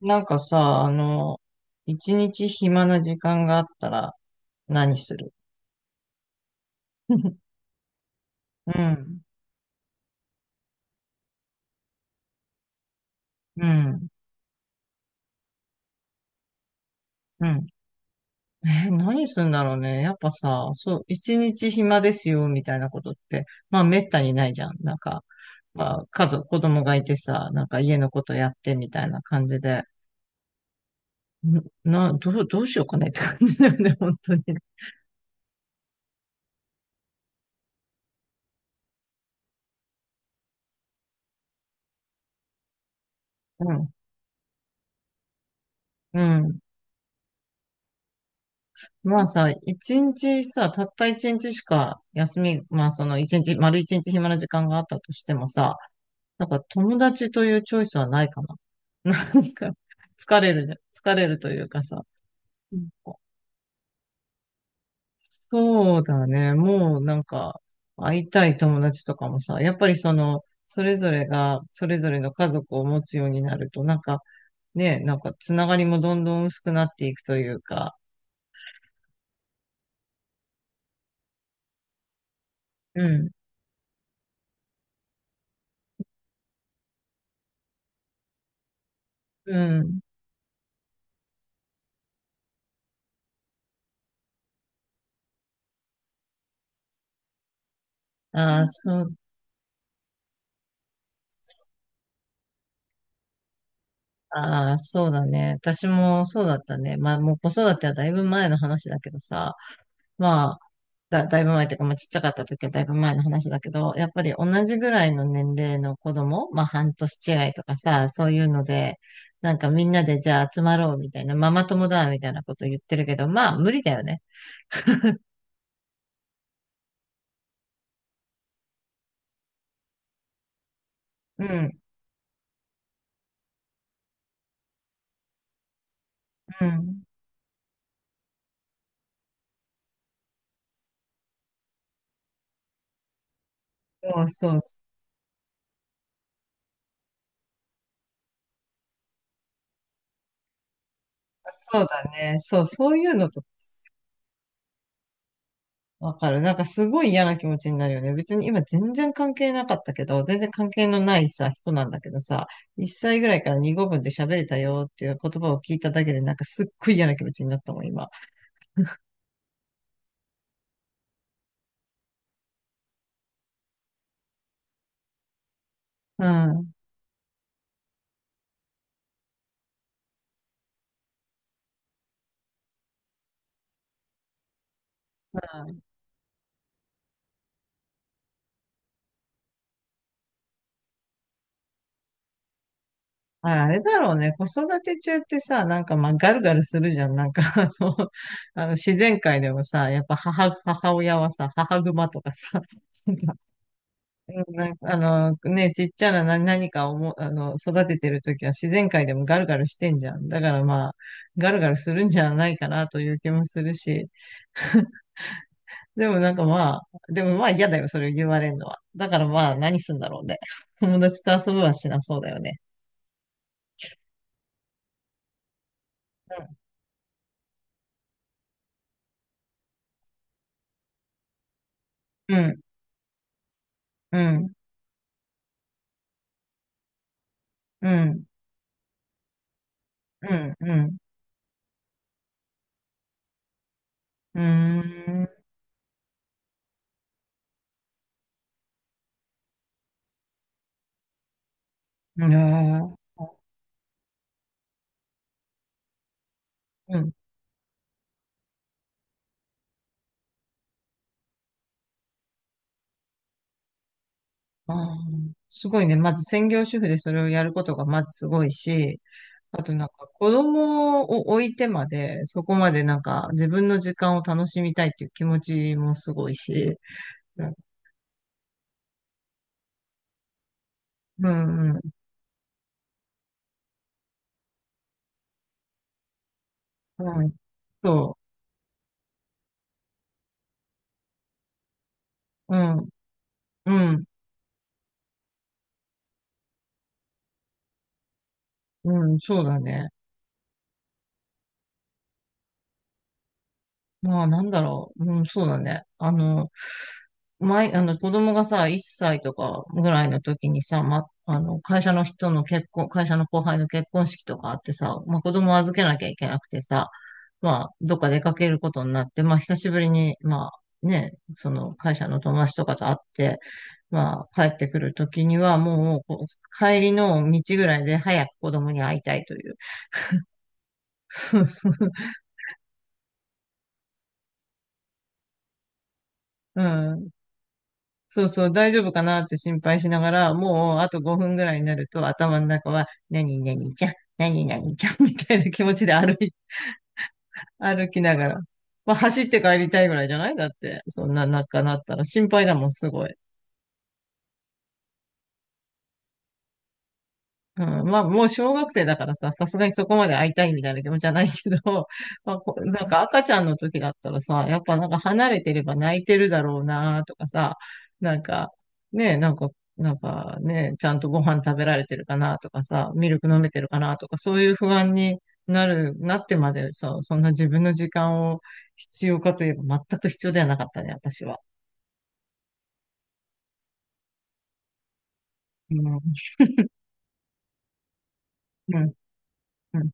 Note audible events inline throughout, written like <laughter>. なんかさ、あの、一日暇な時間があったら何する？ <laughs> うん、うん、うん。何するんだろうね。やっぱさ、そう、一日暇ですよ、みたいなことって、まあ、めったにないじゃん。まあ、家族、子供がいてさ、なんか家のことやってみたいな感じで、んな、どう、どうしようかねって感じだよね、<laughs> 本当に。うん、うん。まあさ、一日さ、たった一日しか休み、まあその一日、丸一日暇な時間があったとしてもさ、なんか友達というチョイスはないかな。<laughs> なんか、疲れるじゃん。疲れるというかさ。うん、そうだね。もうなんか、会いたい友達とかもさ、やっぱりその、それぞれが、それぞれの家族を持つようになると、なんか、ね、なんか、つながりもどんどん薄くなっていくというか、うん、うん。ああ、そうああ、そうだね。私もそうだったね。まあ、もう子育てはだいぶ前の話だけどさ、まあ、だいぶ前っていうか、まあ、ちっちゃかった時はだいぶ前の話だけど、やっぱり同じぐらいの年齢の子供、まあ、半年違いとかさ、そういうので、なんかみんなでじゃあ集まろうみたいな、ママ友だみたいなこと言ってるけど、まあ、無理だよね。うん、うん。そうそう、そうだね。そう、そういうのとわかる。なんかすごい嫌な気持ちになるよね。別に今全然関係なかったけど、全然関係のないさ、人なんだけどさ、1歳ぐらいから2語分で喋れたよっていう言葉を聞いただけで、なんかすっごい嫌な気持ちになったもん、今。うん。うん。あ、あれだろうね。子育て中ってさ、なんかまあガルガルするじゃん。なんか <laughs> あの、あの自然界でもさ、やっぱ母、母親はさ、母熊とかさ、なんか、うん、なんかあの、ね、ちっちゃな何何かをも、あの、育ててるときは自然界でもガルガルしてんじゃん。だからまあ、ガルガルするんじゃないかなという気もするし。でもなんかまあ、でもまあ嫌だよ、それを言われるのは。だからまあ、何すんだろうね。<laughs> 友達と遊ぶはしなそうだよね。うん、うん、うん、うん、うん、うん、うーん、いやー、うん、あー、すごいね。まず専業主婦でそれをやることがまずすごいし、あとなんか子供を置いてまで、そこまでなんか自分の時間を楽しみたいっていう気持ちもすごいし、うん、うん、うん、そう、うん、うん、うん、そうだね。まあ、なんだろう。うん、そうだね。前、あの、子供がさ、1歳とかぐらいの時にさ、ま、あの、会社の後輩の結婚式とかあってさ、まあ、子供を預けなきゃいけなくてさ、まあ、どっか出かけることになって、まあ、久しぶりに、まあ、ね、その会社の友達とかと会って、まあ、帰ってくる時には、もう、こう帰りの道ぐらいで早く子供に会いたいという。<laughs> うん、そうそう、大丈夫かなって心配しながら、もうあと5分ぐらいになると頭の中は、何々ちゃん、何々ちゃん <laughs> みたいな気持ちで<laughs> 歩きながら。まあ、走って帰りたいぐらいじゃないだって、そんな中なったら心配だもん、すごい。うん、まあ、もう小学生だからさ、さすがにそこまで会いたいみたいな気持ちじゃないけど、<laughs> まあ、こなんか赤ちゃんの時だったらさ、やっぱなんか離れてれば泣いてるだろうなとかさ、なんか、ねえ、なんか、なんかね、ちゃんとご飯食べられてるかなとかさ、ミルク飲めてるかなとか、そういう不安になる、なってまでさ、そんな自分の時間を必要かといえば全く必要ではなかったね、私は。うん、うん、うん。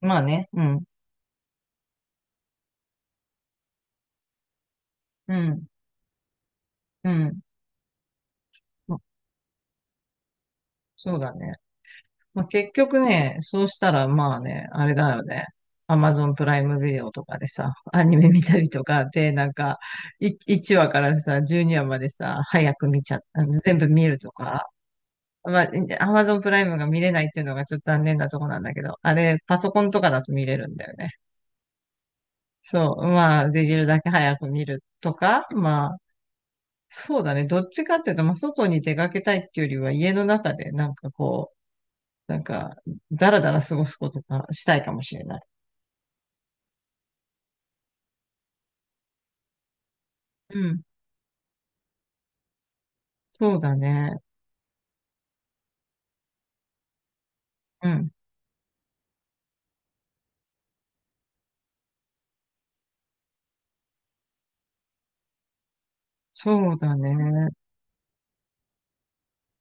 まあね、うん、うん、うん。そうだね。まあ、結局ね、そうしたらまあね、あれだよね。アマゾンプライムビデオとかでさ、アニメ見たりとかで、1話からさ、12話までさ、早く見ちゃっ、あの全部見るとか。まあ、アマゾンプライムが見れないっていうのがちょっと残念なとこなんだけど、あれ、パソコンとかだと見れるんだよね。そう、まあ、できるだけ早く見るとか、まあ、そうだね。どっちかっていうと、まあ、外に出かけたいっていうよりは、家の中でなんかこう、なんか、だらだら過ごすことがしたいかもしれない。うん。そうだね。うん。そうだね。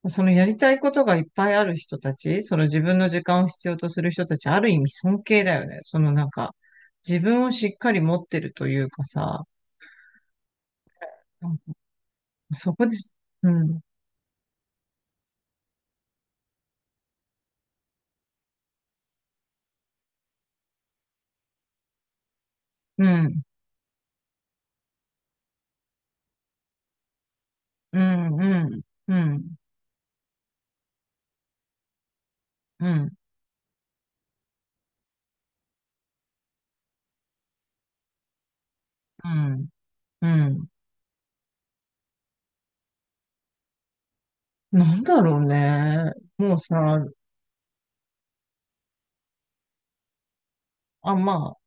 そのやりたいことがいっぱいある人たち、その自分の時間を必要とする人たち、ある意味尊敬だよね。そのなんか、自分をしっかり持ってるというかさ、なんかそこです。うん、うん、うん、うん、うん、うん、うん、うん。なんだろうね。もうさ、あ、まあ、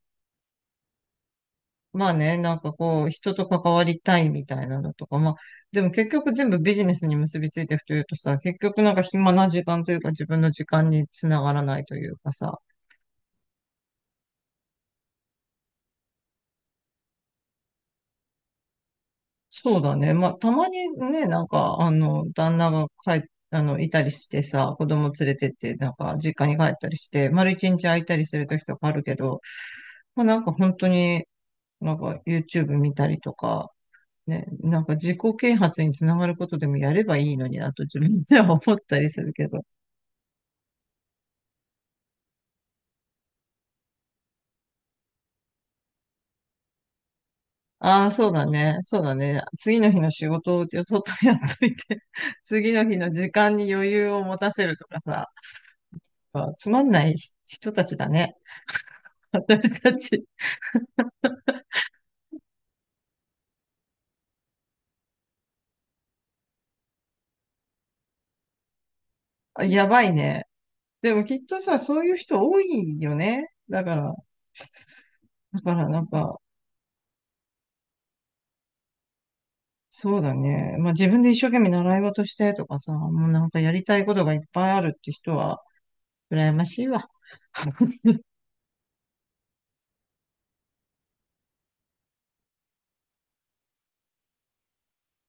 まあね、なんかこう、人と関わりたいみたいなのとか、まあ、でも結局全部ビジネスに結びついていくというとさ、結局なんか暇な時間というか自分の時間につながらないというかさ、そうだね。まあ、たまにね、なんか、あの、旦那が帰っ、あの、いたりしてさ、子供連れてって、なんか、実家に帰ったりして、丸一日空いたりする時とかあるけど、まあなんか本当に、なんか YouTube 見たりとか、ね、なんか自己啓発につながることでもやればいいのになと自分では思ったりするけど。ああ、そうだね。そうだね。次の日の仕事をちょっとやっといて、<laughs> 次の日の時間に余裕を持たせるとかさ、あ、つまんない人たちだね。<laughs> 私たち。あ、やばいね。でもきっとさ、そういう人多いよね。だから、だからなんか、そうだね。まあ自分で一生懸命習い事してとかさ、もうなんかやりたいことがいっぱいあるって人は、羨ましいわ。<laughs>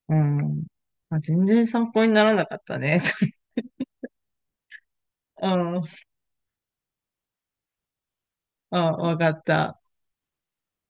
うん。まあ、全然参考にならなかったね。<laughs> うん。あ、わかった。